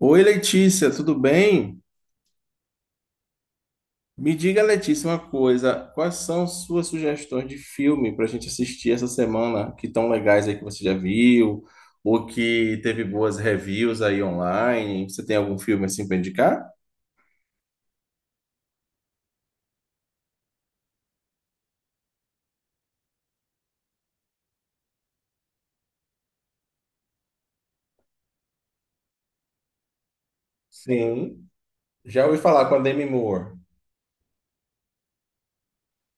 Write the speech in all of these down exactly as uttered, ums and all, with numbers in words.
Oi, Letícia, tudo bem? Me diga, Letícia, uma coisa. Quais são suas sugestões de filme para a gente assistir essa semana que tão legais aí que você já viu ou que teve boas reviews aí online? Você tem algum filme assim para indicar? Sim. Já ouvi falar com a Demi Moore.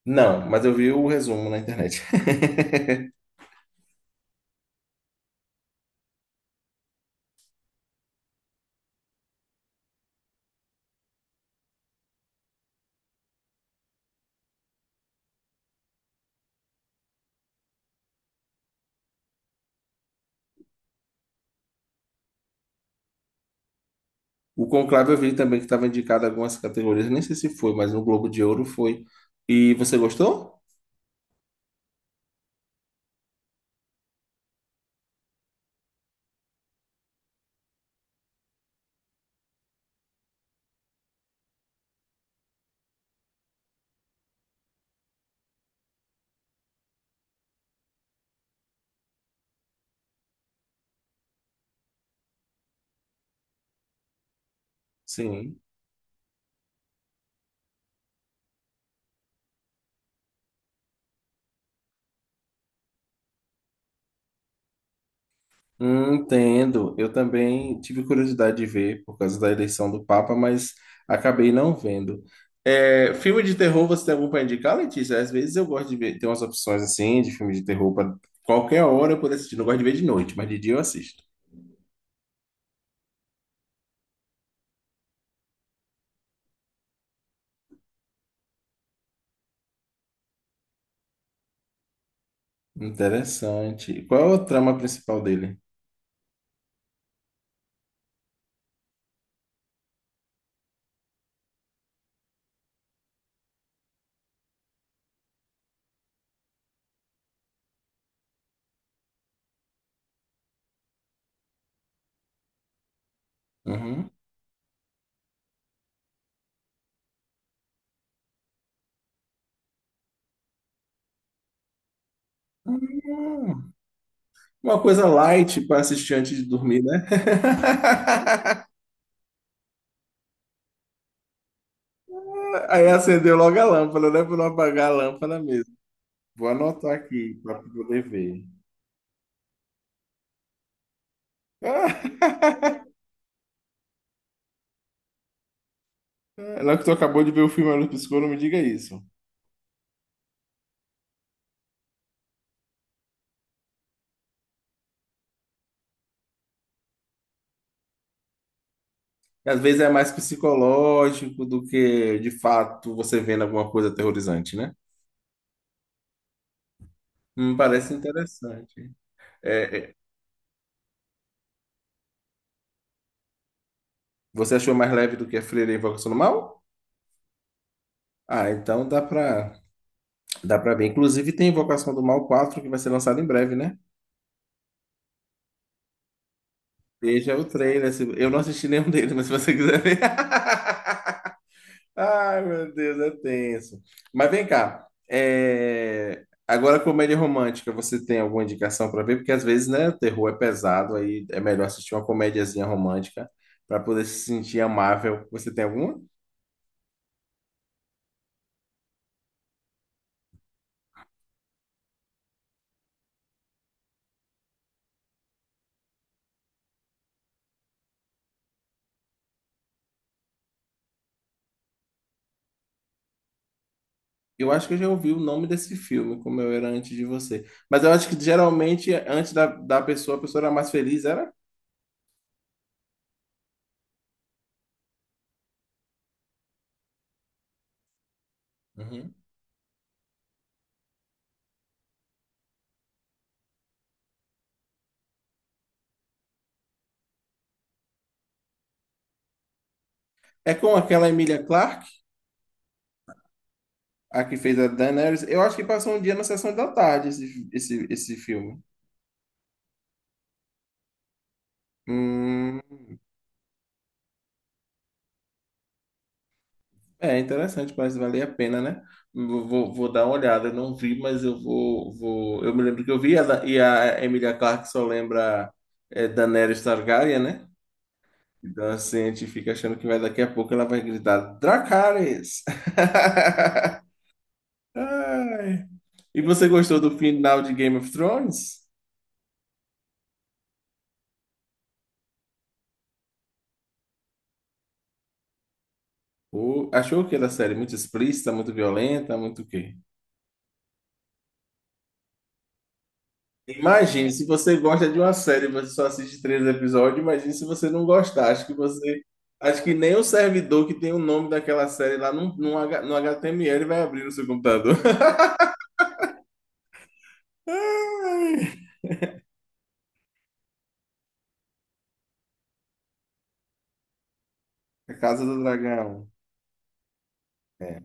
Não, mas eu vi o resumo na internet. O Conclave eu vi também que estava indicado em algumas categorias, nem sei se foi, mas no Globo de Ouro foi. E você gostou? Sim. Hum, entendo. Eu também tive curiosidade de ver por causa da eleição do Papa, mas acabei não vendo. É, filme de terror, você tem algum para indicar, Letícia? Às vezes eu gosto de ver, tem umas opções assim de filme de terror para qualquer hora eu poder assistir. Não gosto de ver de noite, mas de dia eu assisto. Interessante. Qual é o trama principal dele? Uhum. Hum. Uma coisa light para assistir antes de dormir, né? Aí acendeu logo a lâmpada, né? Para não apagar a lâmpada mesmo. Vou anotar aqui para poder ver. Lá que tu acabou de ver o filme Olho Piscou, não me diga isso. Às vezes é mais psicológico do que, de fato, você vendo alguma coisa aterrorizante, né? Hum, parece interessante. É, é, você achou mais leve do que a Freira e a Invocação do Mal? Ah, então dá pra, dá pra ver. Inclusive tem Invocação do Mal quatro que vai ser lançado em breve, né? Veja o trailer. se- Eu não assisti nenhum deles, mas se você quiser ver. Ai, meu Deus, é tenso. Mas vem cá. é, Agora, comédia romântica, você tem alguma indicação pra ver? Porque às vezes, né, o terror é pesado, aí é melhor assistir uma comediazinha romântica pra poder se sentir amável. Você tem alguma? Eu acho que eu já ouvi o nome desse filme, como eu era antes de você. Mas eu acho que geralmente, antes da, da pessoa, a pessoa era mais feliz, era? Uhum. É com aquela Emilia Clarke, a que fez a Daenerys. Eu acho que passou um dia na sessão da tarde esse, esse, esse filme. Hum, é interessante, parece valer a pena, né? Vou, vou vou dar uma olhada. Eu não vi, mas eu vou, vou. Eu me lembro que eu vi, e a, e a Emilia Clarke só lembra é, Daenerys Targaryen, né? Então, assim, a gente fica achando que vai daqui a pouco ela vai gritar Dracarys! Ai. E você gostou do final de Game of Thrones? Ou achou que era série muito explícita, muito violenta, muito o quê? Imagine, se você gosta de uma série e você só assiste três episódios, imagine se você não gostar. Acho que você. Acho que nem o servidor que tem o nome daquela série lá no, no, H- no H T M L vai abrir no seu computador. Ai. A Casa do Dragão. É.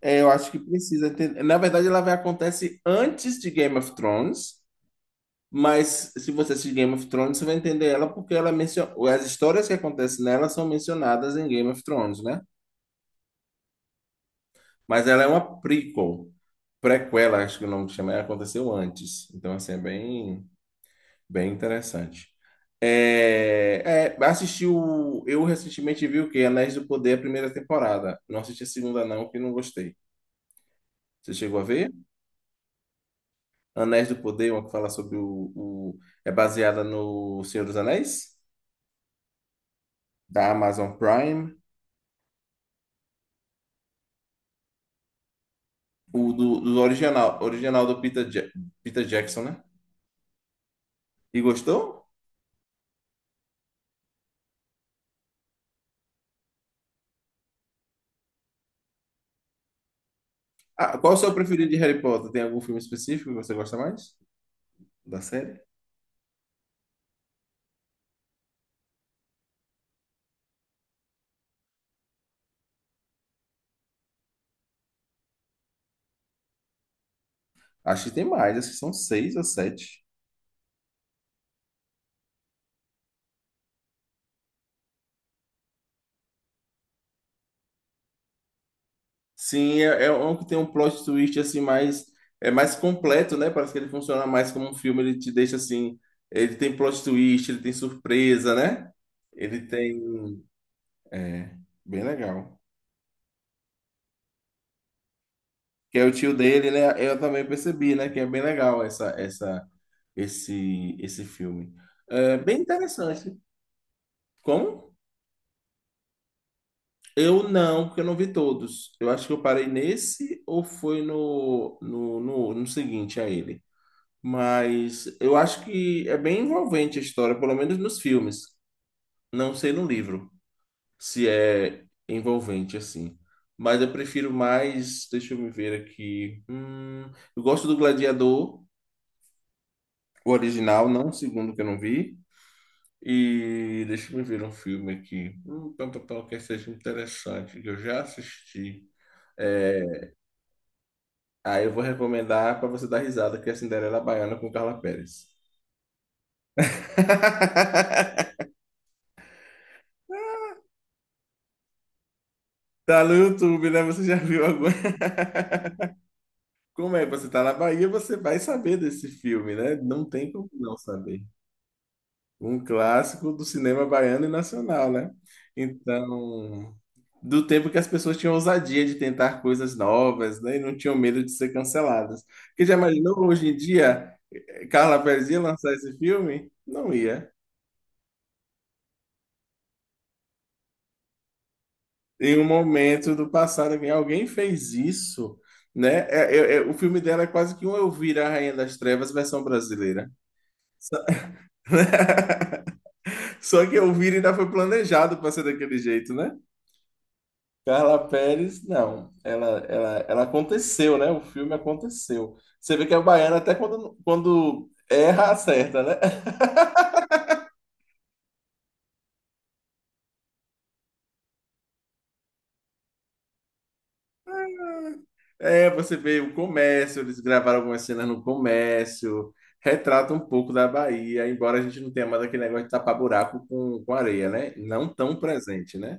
É, eu acho que precisa ter. Na verdade, ela vai acontece antes de Game of Thrones, mas se você assistir Game of Thrones, você vai entender ela porque ela menciona. As histórias que acontecem nela são mencionadas em Game of Thrones, né? Mas ela é uma prequel, prequela, acho que o nome chama, ela aconteceu antes. Então, assim, é bem, bem interessante. É, é, assisti o. Eu recentemente vi o quê? Anéis do Poder, a primeira temporada. Não assisti a segunda, não, que não gostei. Você chegou a ver? Anéis do Poder, uma que fala sobre o, o- É baseada no Senhor dos Anéis, da Amazon Prime. O do, do original, original do Peter, Ja- Peter Jackson, né? E gostou? Ah, qual é o seu preferido de Harry Potter? Tem algum filme específico que você gosta mais da série? Acho que tem mais, acho que são seis ou sete. Sim, é, é um que tem um plot twist assim mais... É mais completo, né? Parece que ele funciona mais como um filme, ele te deixa assim... Ele tem plot twist, ele tem surpresa, né? Ele tem. É, bem legal. Que é o tio dele, né? Eu também percebi, né? Que é bem legal essa, essa, esse, esse filme. É bem interessante. Como? Eu não, porque eu não vi todos. Eu acho que eu parei nesse ou foi no, no, no, no seguinte a ele. Mas eu acho que é bem envolvente a história, pelo menos nos filmes. Não sei no livro. Se é envolvente assim. Mas eu prefiro mais, deixa eu me ver aqui. Hum, eu gosto do Gladiador, o original, não o segundo que eu não vi. E deixa eu me ver um filme aqui. Hum, pá, pá, pá, que seja interessante, que eu já assisti. É, aí eu vou recomendar para você dar risada, que é Cinderela Baiana com Carla Pérez. Tá no YouTube, né? Você já viu agora? Como é? Você tá na Bahia, você vai saber desse filme, né? Não tem como não saber. Um clássico do cinema baiano e nacional, né? Então, do tempo que as pessoas tinham ousadia de tentar coisas novas, né? E não tinham medo de ser canceladas. Porque já imaginou hoje em dia eh, Carla Perez ia lançar esse filme? Não ia. Em um momento do passado, que alguém fez isso, né? É- é- é- o filme dela é quase que um Elvira, a Rainha das Trevas, versão brasileira. Só, só que Elvira ainda foi planejado para ser daquele jeito, né? Carla Pérez, não. Ela, ela, ela aconteceu, né? O filme aconteceu. Você vê que a baiana, até quando, quando erra, acerta, né? É, você vê o comércio, eles gravaram algumas cenas no comércio, retrata um pouco da Bahia, embora a gente não tenha mais aquele negócio de tapar buraco com, com areia, né? Não tão presente, né?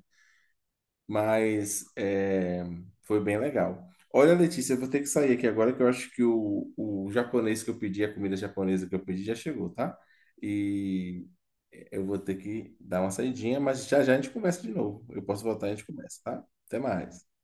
Mas é, foi bem legal. Olha, Letícia, eu vou ter que sair aqui agora, que eu acho que o, o japonês que eu pedi, a comida japonesa que eu pedi, já chegou, tá? E eu vou ter que dar uma saidinha, mas já já a gente conversa de novo. Eu posso voltar e a gente conversa, tá? Até mais.